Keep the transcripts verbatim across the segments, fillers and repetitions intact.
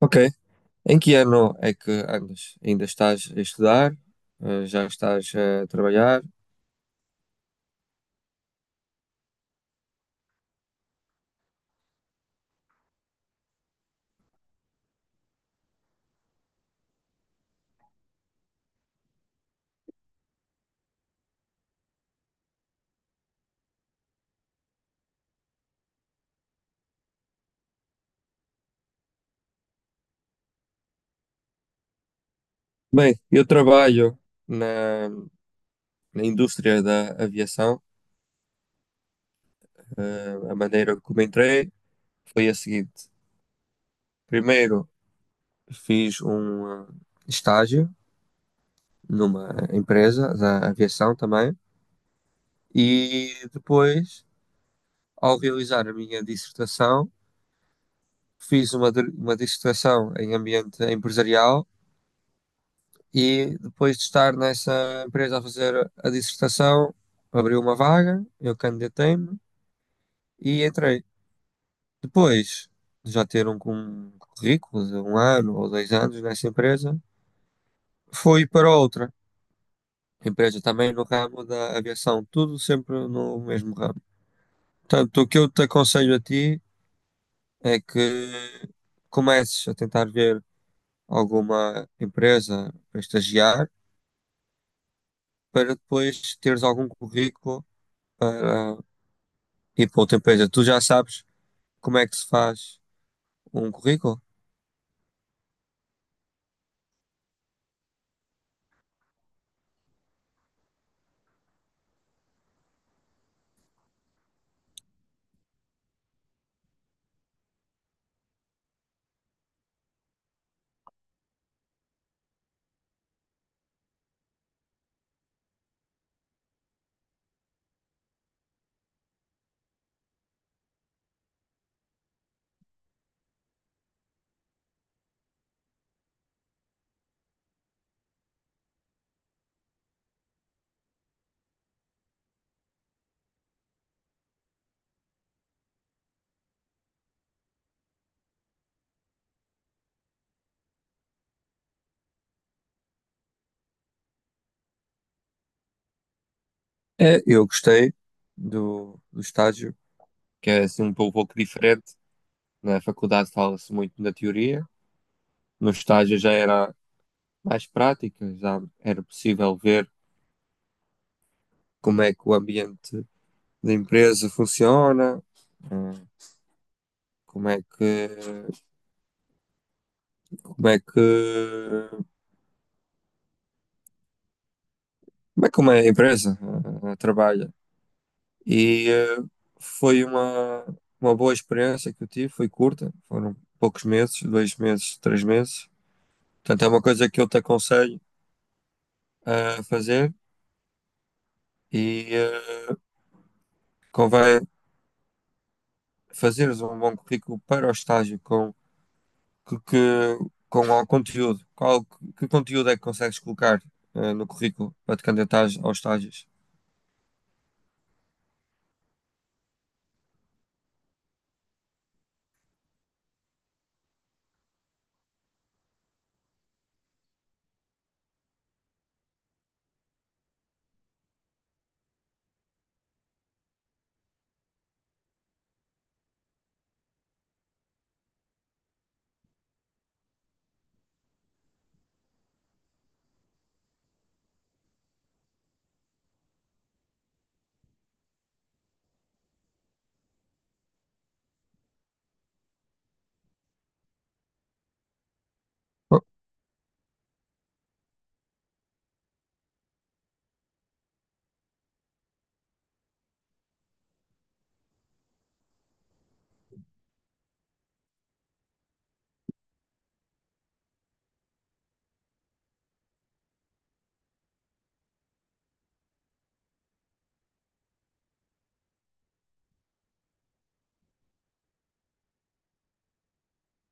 Ok. Em que ano é que andas? Ainda estás a estudar? Eh, Já estás a trabalhar? Bem, eu trabalho na, na indústria da aviação. Eh, a maneira como entrei foi a seguinte: primeiro fiz um eh, estágio numa empresa da aviação também, e depois, ao realizar a minha dissertação, fiz uma, dir- uma dissertação em ambiente empresarial. E depois de estar nessa empresa a fazer a dissertação, abriu uma vaga, eu candidatei-me e entrei. Depois de já ter um, um currículo de um ano ou dois anos nessa empresa, fui para outra empresa também no ramo da aviação, tudo sempre no mesmo ramo. Portanto, o que eu te aconselho a ti é que comeces a tentar ver alguma empresa para estagiar, para depois teres algum currículo para. E para o tempo extra, tu já sabes como é que se faz um currículo? É, eu gostei do, do estágio, que é assim um pouco, pouco diferente. Na faculdade fala-se muito da teoria, no estágio já era mais prática, já era possível ver como é que o ambiente da empresa funciona, eh, como é que, como é que, como é que uma empresa eh, trabalha. E eh, foi uma, uma boa experiência que eu tive, foi curta, foram poucos meses, dois meses, três meses. Portanto, é uma coisa que eu te aconselho a fazer e eh, convém fazeres um bom currículo para o estágio com que, que com o conteúdo. Qual que conteúdo é que consegues colocar eh, no currículo para te candidatares aos estágios? Bo-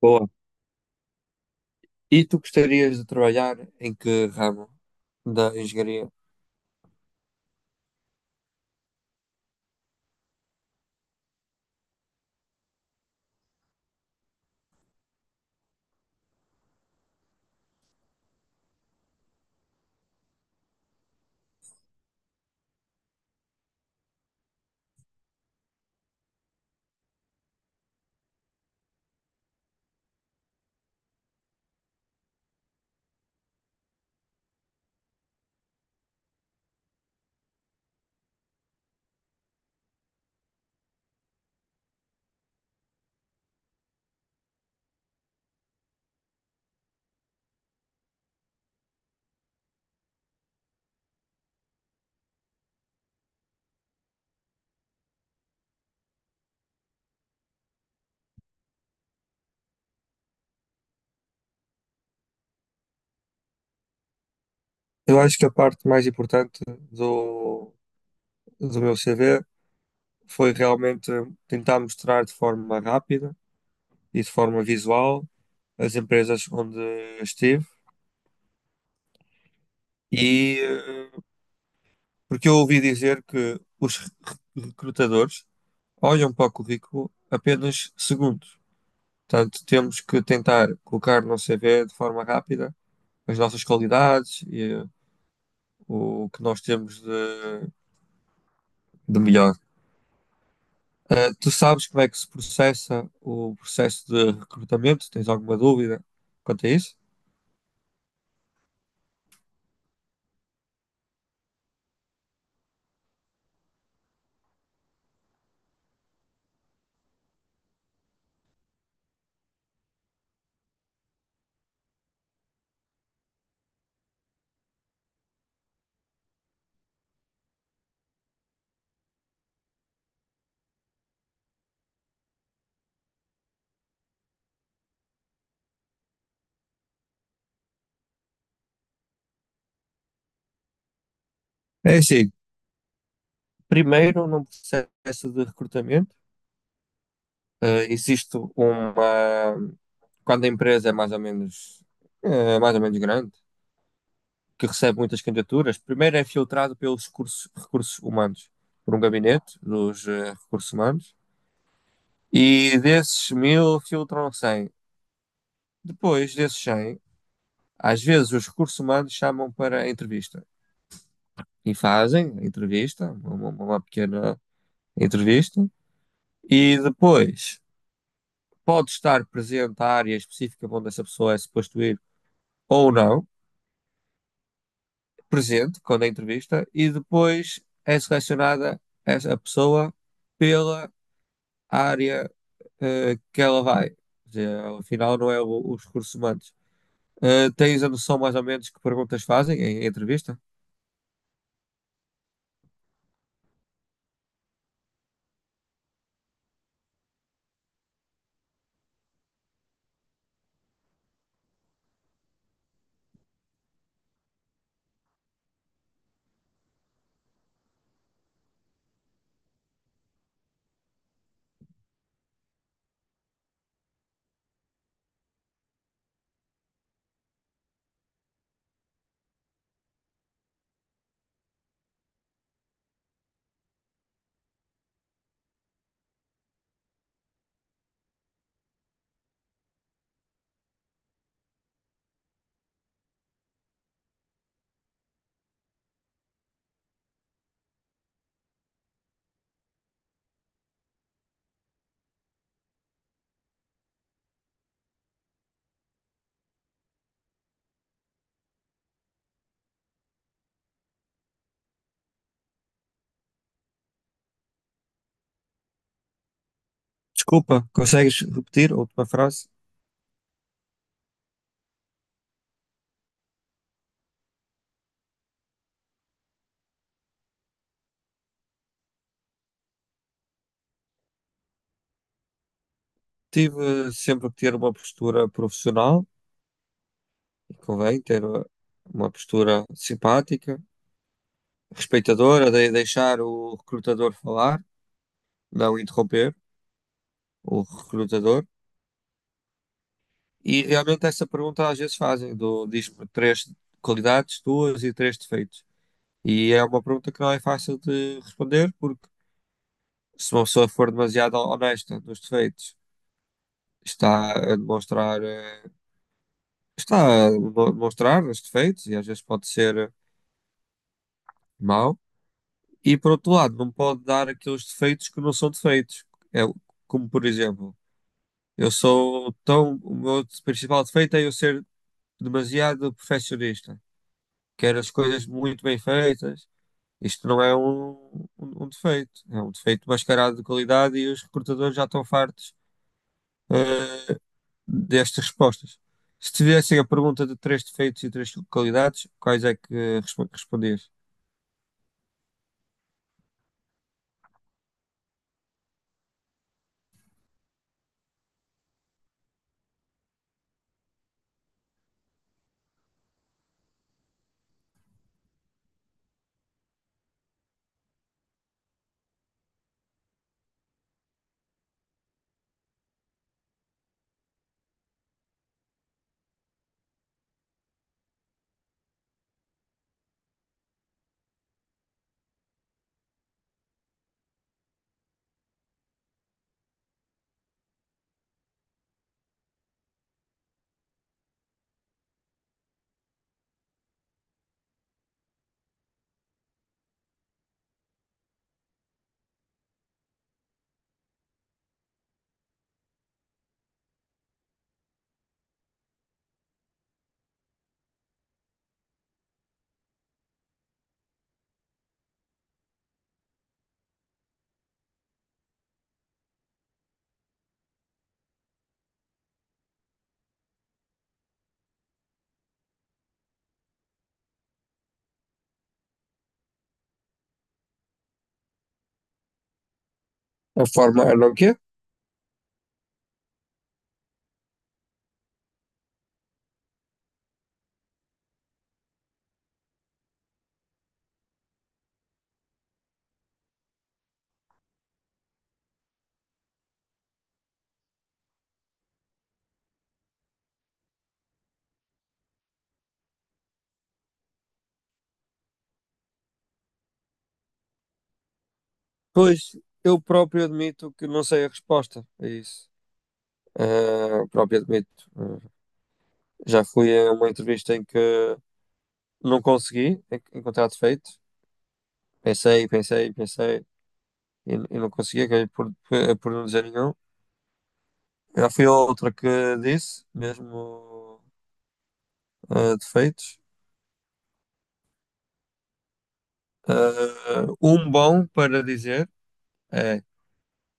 Boa. E tu gostarias de trabalhar em que ramo da engenharia? Eu acho que a parte mais importante do, do meu C V foi realmente tentar mostrar de forma rápida e de forma visual as empresas onde estive. E eh, porque eu ouvi dizer que os re- recrutadores olham para o currículo apenas segundos. Portanto, temos que tentar colocar no C V de forma rápida as nossas qualidades e eh, o que nós temos de, de melhor. Uh, tu sabes como é que se processa o processo de recrutamento? Tens alguma dúvida quanto a isso? É assim, primeiro num processo de recrutamento, uh, existe uma. Quando a empresa é mais ou menos, é mais ou menos grande, que recebe muitas candidaturas, primeiro é filtrado pelos recursos, recursos humanos, por um gabinete dos eh, recursos humanos, e desses mil filtram cem. Depois desses cem, às vezes os recursos humanos chamam para a entrevista. E fazem a entrevista, uma, uma pequena entrevista, e depois pode estar presente a área específica onde essa pessoa é suposto ir ou não, presente quando é entrevista, e depois é selecionada essa pessoa pela área eh, que ela vai. Quer dizer, afinal, não é o- os recursos humanos. Eh, tens a noção mais ou menos que perguntas fazem em em entrevista? Desculpa, consegues repetir a última frase? Tive sempre que ter uma postura profissional. Convém ter eh, uma postura simpática, respeitadora, de deixar o recrutador falar, não interromper o recrutador. E realmente essa pergunta às vezes fazem, do diz-me três qualidades tuas e três defeitos. E é uma pergunta que não é fácil de responder, porque se uma pessoa for demasiado honesta nos defeitos, está a demonstrar, eh, está a demonstrar os defeitos e às vezes pode ser eh, mau. E por outro lado, não pode dar aqueles defeitos que não são defeitos. É, como por exemplo, eu sou tão. O meu principal defeito é eu ser demasiado perfeccionista. Quero as coisas muito bem feitas. Isto não é um, um, um defeito. É um defeito mascarado de qualidade e os recrutadores já estão fartos, eh, destas respostas. Se tivessem a pergunta de três defeitos e três qualidades, quais é que respo- respondias? A forma, a não quê? Pois, eu próprio admito que não sei a resposta a isso. Ah, próprio admito. Ah, já fui a uma entrevista em que não consegui en- encontrar defeito. Pensei, pensei, pensei e, e não consegui, acabei por, por não dizer nenhum. Já fui a outra que disse, mesmo ah, defeitos. Ah, um bom para dizer é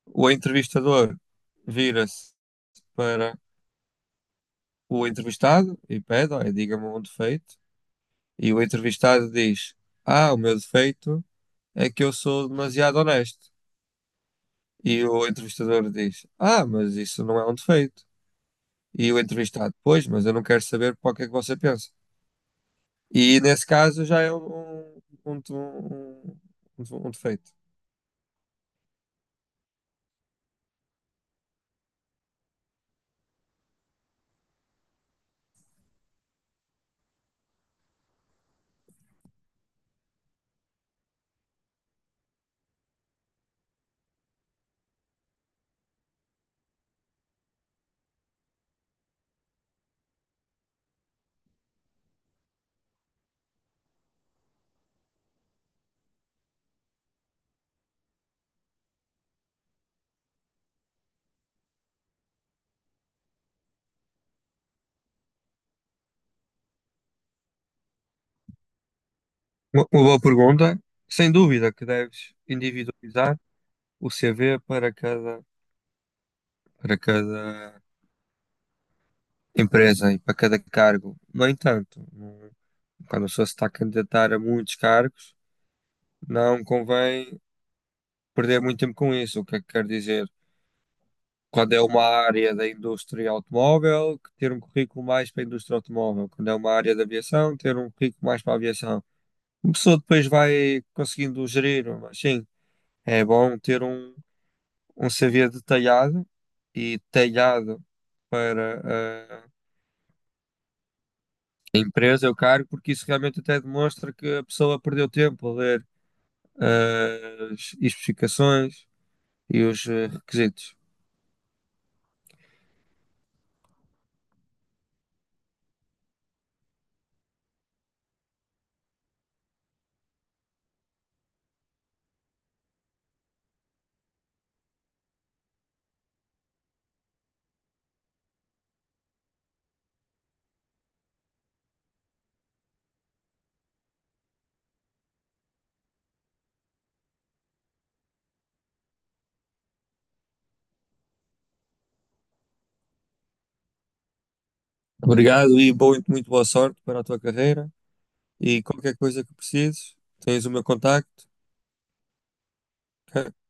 o entrevistador vira-se para o entrevistado e pede, olha, diga-me um defeito. E o entrevistado diz: Ah, o meu defeito é que eu sou demasiado honesto. E o entrevistador diz: Ah, mas isso não é um defeito. E o entrevistado: Pois, mas eu não quero saber para o que é que você pensa. E nesse caso já é um, um, um, um- um defeito. Uma uma boa pergunta. Sem dúvida que deves individualizar o C V para cada, para cada empresa e para cada cargo. No entanto, não- quando a pessoa se está a candidatar a muitos cargos, não convém perder muito tempo com isso. O que é que quer dizer? Quando é uma área da indústria automóvel, que ter um currículo mais para a indústria automóvel. Quando é uma área da aviação, ter um currículo mais para a aviação. A pessoa depois vai conseguindo gerir, mas sim, é bom ter um, um C V detalhado e detalhado para eh, a empresa, o cargo, porque isso realmente até demonstra que a pessoa perdeu tempo a ler eh, as especificações e os eh, requisitos. Obrigado e boa, muito boa sorte para a tua carreira. E qualquer coisa que precises, tens o meu contacto. Ok?